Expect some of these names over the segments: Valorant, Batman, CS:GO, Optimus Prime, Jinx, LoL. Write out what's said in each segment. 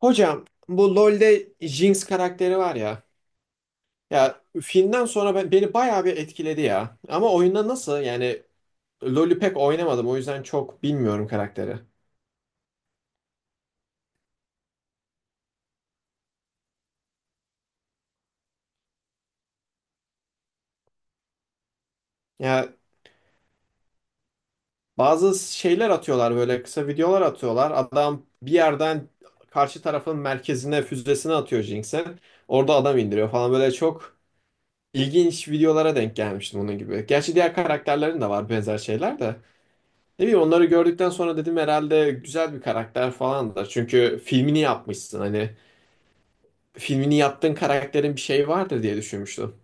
Hocam bu LoL'de Jinx karakteri var ya. Ya filmden sonra beni bayağı bir etkiledi ya. Ama oyunda nasıl yani, LoL'ü pek oynamadım o yüzden çok bilmiyorum karakteri. Ya bazı şeyler atıyorlar böyle kısa videolar atıyorlar. Adam bir yerden karşı tarafın merkezine füzesini atıyor Jinx'e. Orada adam indiriyor falan böyle çok ilginç videolara denk gelmiştim bunun gibi. Gerçi diğer karakterlerin de var benzer şeyler de. Ne bileyim onları gördükten sonra dedim herhalde güzel bir karakter falan da. Çünkü filmini yapmışsın hani filmini yaptığın karakterin bir şeyi vardır diye düşünmüştüm.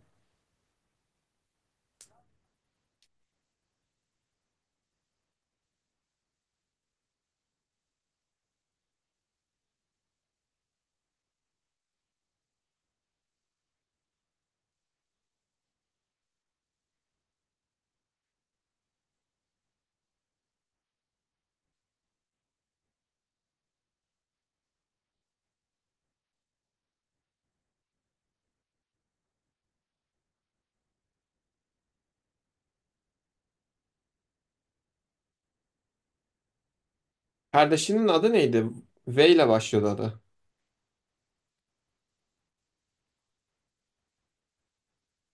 Kardeşinin adı neydi? V ile başlıyordu adı.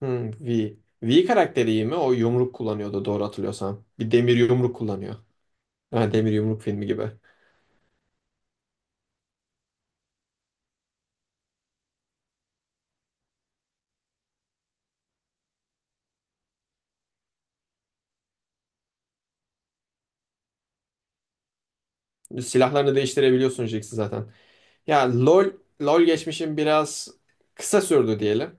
Hmm, V. V karakteri iyi mi? O yumruk kullanıyordu doğru hatırlıyorsam. Bir demir yumruk kullanıyor. Ha, demir yumruk filmi gibi. Silahlarını değiştirebiliyorsun Jinx'i zaten. Ya LoL geçmişim biraz kısa sürdü diyelim.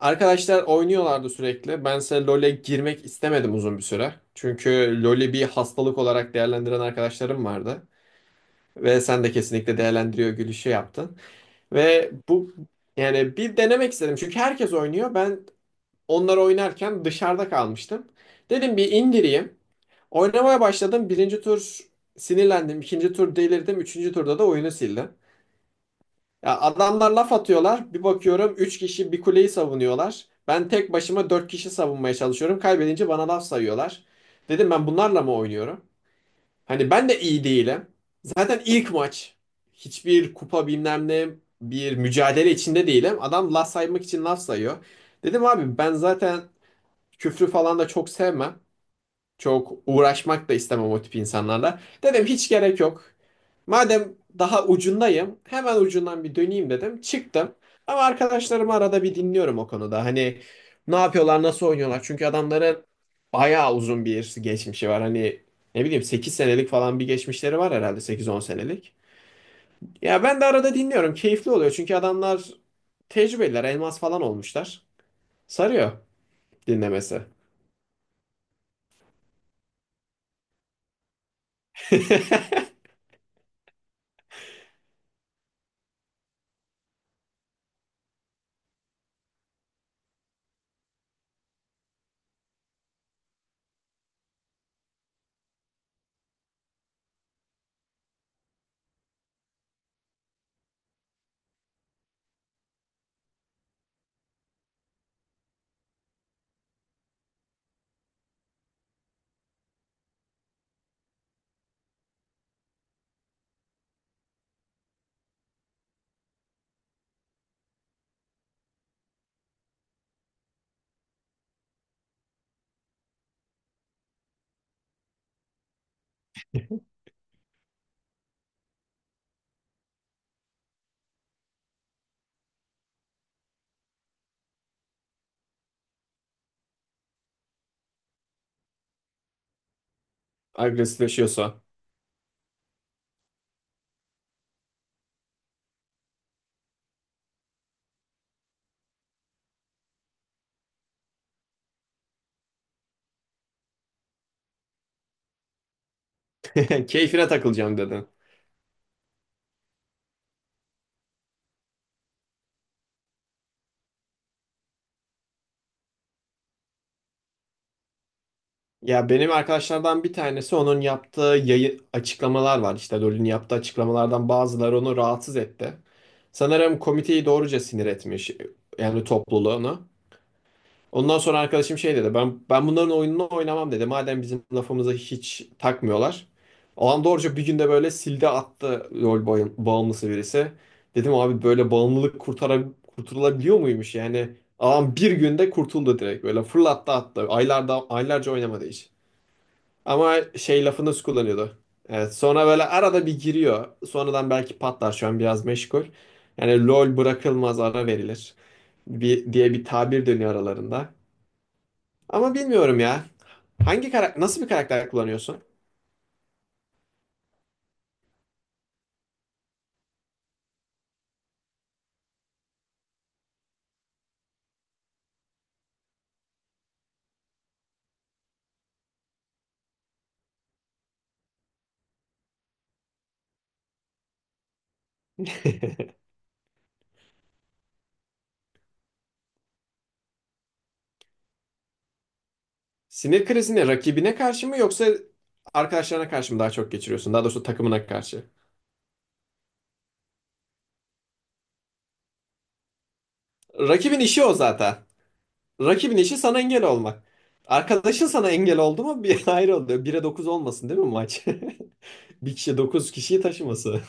Arkadaşlar oynuyorlardı sürekli. Bense LoL'e girmek istemedim uzun bir süre. Çünkü LoL'i bir hastalık olarak değerlendiren arkadaşlarım vardı. Ve sen de kesinlikle değerlendiriyor gülüşü yaptın. Ve bu, yani bir denemek istedim. Çünkü herkes oynuyor. Onlar oynarken dışarıda kalmıştım. Dedim bir indireyim. Oynamaya başladım. Birinci tur sinirlendim. İkinci tur delirdim. Üçüncü turda da oyunu sildim. Ya adamlar laf atıyorlar. Bir bakıyorum 3 kişi bir kuleyi savunuyorlar. Ben tek başıma 4 kişi savunmaya çalışıyorum. Kaybedince bana laf sayıyorlar. Dedim ben bunlarla mı oynuyorum? Hani ben de iyi değilim. Zaten ilk maç. Hiçbir kupa bilmem ne bir mücadele içinde değilim. Adam laf saymak için laf sayıyor. Dedim abi ben zaten küfrü falan da çok sevmem. Çok uğraşmak da istemem o tip insanlarla. Dedim hiç gerek yok. Madem daha ucundayım, hemen ucundan bir döneyim dedim. Çıktım. Ama arkadaşlarımı arada bir dinliyorum o konuda. Hani ne yapıyorlar, nasıl oynuyorlar? Çünkü adamların bayağı uzun bir geçmişi var. Hani ne bileyim 8 senelik falan bir geçmişleri var herhalde, 8-10 senelik. Ya ben de arada dinliyorum. Keyifli oluyor çünkü adamlar tecrübeliler, elmas falan olmuşlar. Sarıyor dinlemesi. Agresifleşiyorsa. Keyfine takılacağım dedin. Ya benim arkadaşlardan bir tanesi onun yaptığı yayı açıklamalar var. İşte LoL'ün yaptığı açıklamalardan bazıları onu rahatsız etti. Sanırım komiteyi doğruca sinir etmiş. Yani topluluğunu. Ondan sonra arkadaşım şey dedi. Ben bunların oyununu oynamam dedi. Madem bizim lafımıza hiç takmıyorlar. Alan doğruca bir günde böyle sildi attı, LoL bağımlısı birisi. Dedim abi böyle bağımlılık kurtulabiliyor muymuş? Yani adam bir günde kurtuldu direkt. Böyle fırlattı attı. Aylarca oynamadı hiç. Ama şey lafı nasıl kullanıyordu? Evet, sonra böyle arada bir giriyor. Sonradan belki patlar, şu an biraz meşgul. Yani LoL bırakılmaz, ara verilir. "Bir," diye bir tabir dönüyor aralarında. Ama bilmiyorum ya. Hangi karakter, nasıl bir karakter kullanıyorsun? Sinir krizini rakibine karşı mı yoksa arkadaşlarına karşı mı daha çok geçiriyorsun? Daha doğrusu takımına karşı. Rakibin işi o zaten. Rakibin işi sana engel olmak. Arkadaşın sana engel oldu mu bir ayrı oluyor. Bire 9 olmasın değil mi maç? 1 kişi 9 kişiyi taşıması.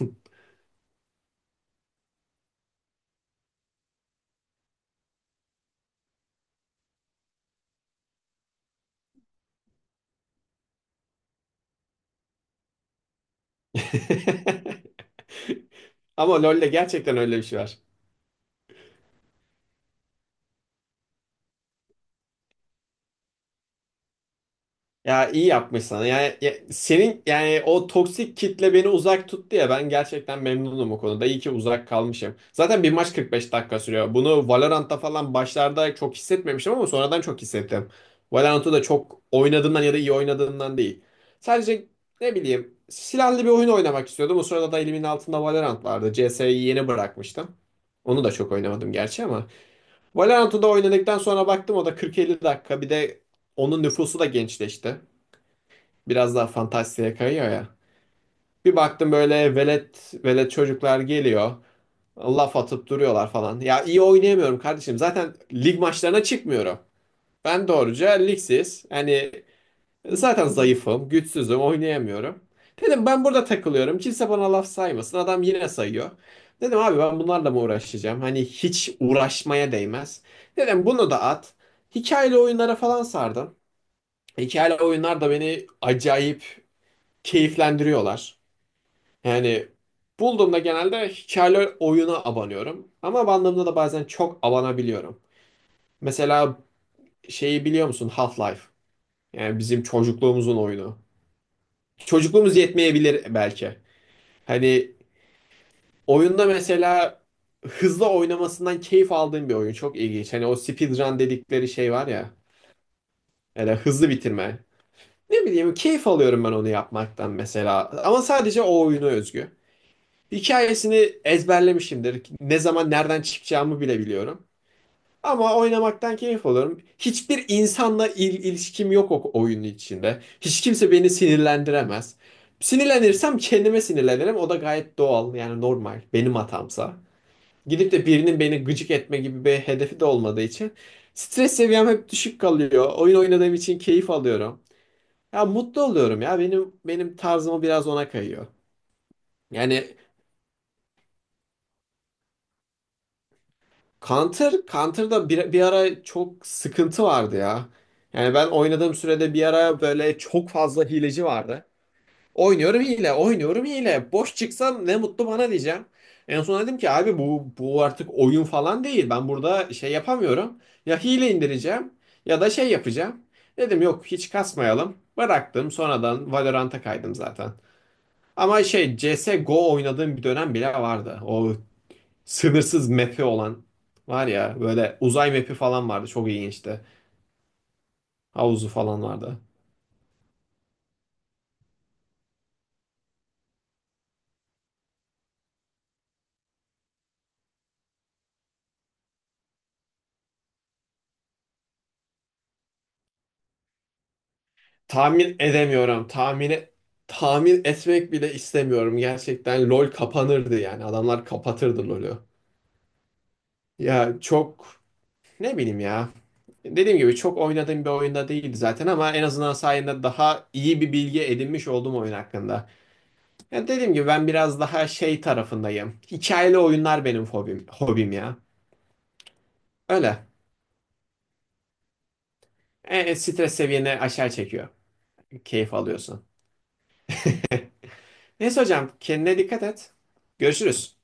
Ama LoL'le gerçekten öyle bir şey var. Ya iyi yapmışsın. Yani ya- senin yani o toksik kitle beni uzak tuttu ya, ben gerçekten memnunum o konuda. İyi ki uzak kalmışım. Zaten bir maç 45 dakika sürüyor. Bunu Valorant'ta falan başlarda çok hissetmemiştim ama sonradan çok hissettim. Valorant'ı da çok oynadığımdan ya da iyi oynadığımdan değil. Sadece ne bileyim silahlı bir oyun oynamak istiyordum. O sırada da elimin altında Valorant vardı. CS'yi yeni bırakmıştım. Onu da çok oynamadım gerçi ama. Valorant'ı da oynadıktan sonra baktım o da 40-50 dakika. Bir de onun nüfusu da gençleşti, biraz daha fantastiğe kayıyor ya. Bir baktım böyle velet velet çocuklar geliyor. Laf atıp duruyorlar falan. Ya iyi oynayamıyorum kardeşim. Zaten lig maçlarına çıkmıyorum. Ben doğruca ligsiz. Hani zaten zayıfım, güçsüzüm, oynayamıyorum. Dedim ben burada takılıyorum. Kimse bana laf saymasın. Adam yine sayıyor. Dedim abi ben bunlarla mı uğraşacağım? Hani hiç uğraşmaya değmez. Dedim bunu da at. Hikayeli oyunlara falan sardım. Hikayeli oyunlar da beni acayip keyiflendiriyorlar. Yani bulduğumda genelde hikayeli oyuna abanıyorum. Ama abandığımda da bazen çok abanabiliyorum. Mesela şeyi biliyor musun? Half-Life. Yani bizim çocukluğumuzun oyunu. Çocukluğumuz yetmeyebilir belki. Hani oyunda mesela hızlı oynamasından keyif aldığım bir oyun. Çok ilginç. Hani o speedrun dedikleri şey var ya. Yani hızlı bitirme. Ne bileyim keyif alıyorum ben onu yapmaktan mesela. Ama sadece o oyuna özgü. Hikayesini ezberlemişimdir. Ne zaman nereden çıkacağımı bile biliyorum. Ama oynamaktan keyif alıyorum. Hiçbir insanla ilişkim yok o oyunun içinde. Hiç kimse beni sinirlendiremez. Sinirlenirsem kendime sinirlenirim. O da gayet doğal, yani normal. Benim hatamsa. Gidip de birinin beni gıcık etme gibi bir hedefi de olmadığı için stres seviyem hep düşük kalıyor. Oyun oynadığım için keyif alıyorum. Ya mutlu oluyorum ya. Benim tarzıma biraz ona kayıyor. Yani Counter'da bir ara çok sıkıntı vardı ya. Yani ben oynadığım sürede bir ara böyle çok fazla hileci vardı. Oynuyorum hile, oynuyorum hile. Boş çıksam ne mutlu bana diyeceğim. En son dedim ki abi bu artık oyun falan değil. Ben burada şey yapamıyorum. Ya hile indireceğim ya da şey yapacağım. Dedim yok hiç kasmayalım. Bıraktım, sonradan Valorant'a kaydım zaten. Ama şey CS:GO oynadığım bir dönem bile vardı. O sınırsız map'i olan var ya, böyle uzay map'i falan vardı, çok ilginçti. Havuzu falan vardı. Tahmin edemiyorum. Tahmin etmek bile istemiyorum. Gerçekten LoL kapanırdı yani. Adamlar kapatırdı LoL'ü. Ya çok ne bileyim ya. Dediğim gibi çok oynadığım bir oyunda değildi zaten ama en azından sayende daha iyi bir bilgi edinmiş oldum oyun hakkında. Ya dediğim gibi ben biraz daha şey tarafındayım. Hikayeli oyunlar benim hobim, hobim ya. Öyle. Stres seviyeni aşağı çekiyor. Keyif alıyorsun. Neyse hocam kendine dikkat et. Görüşürüz.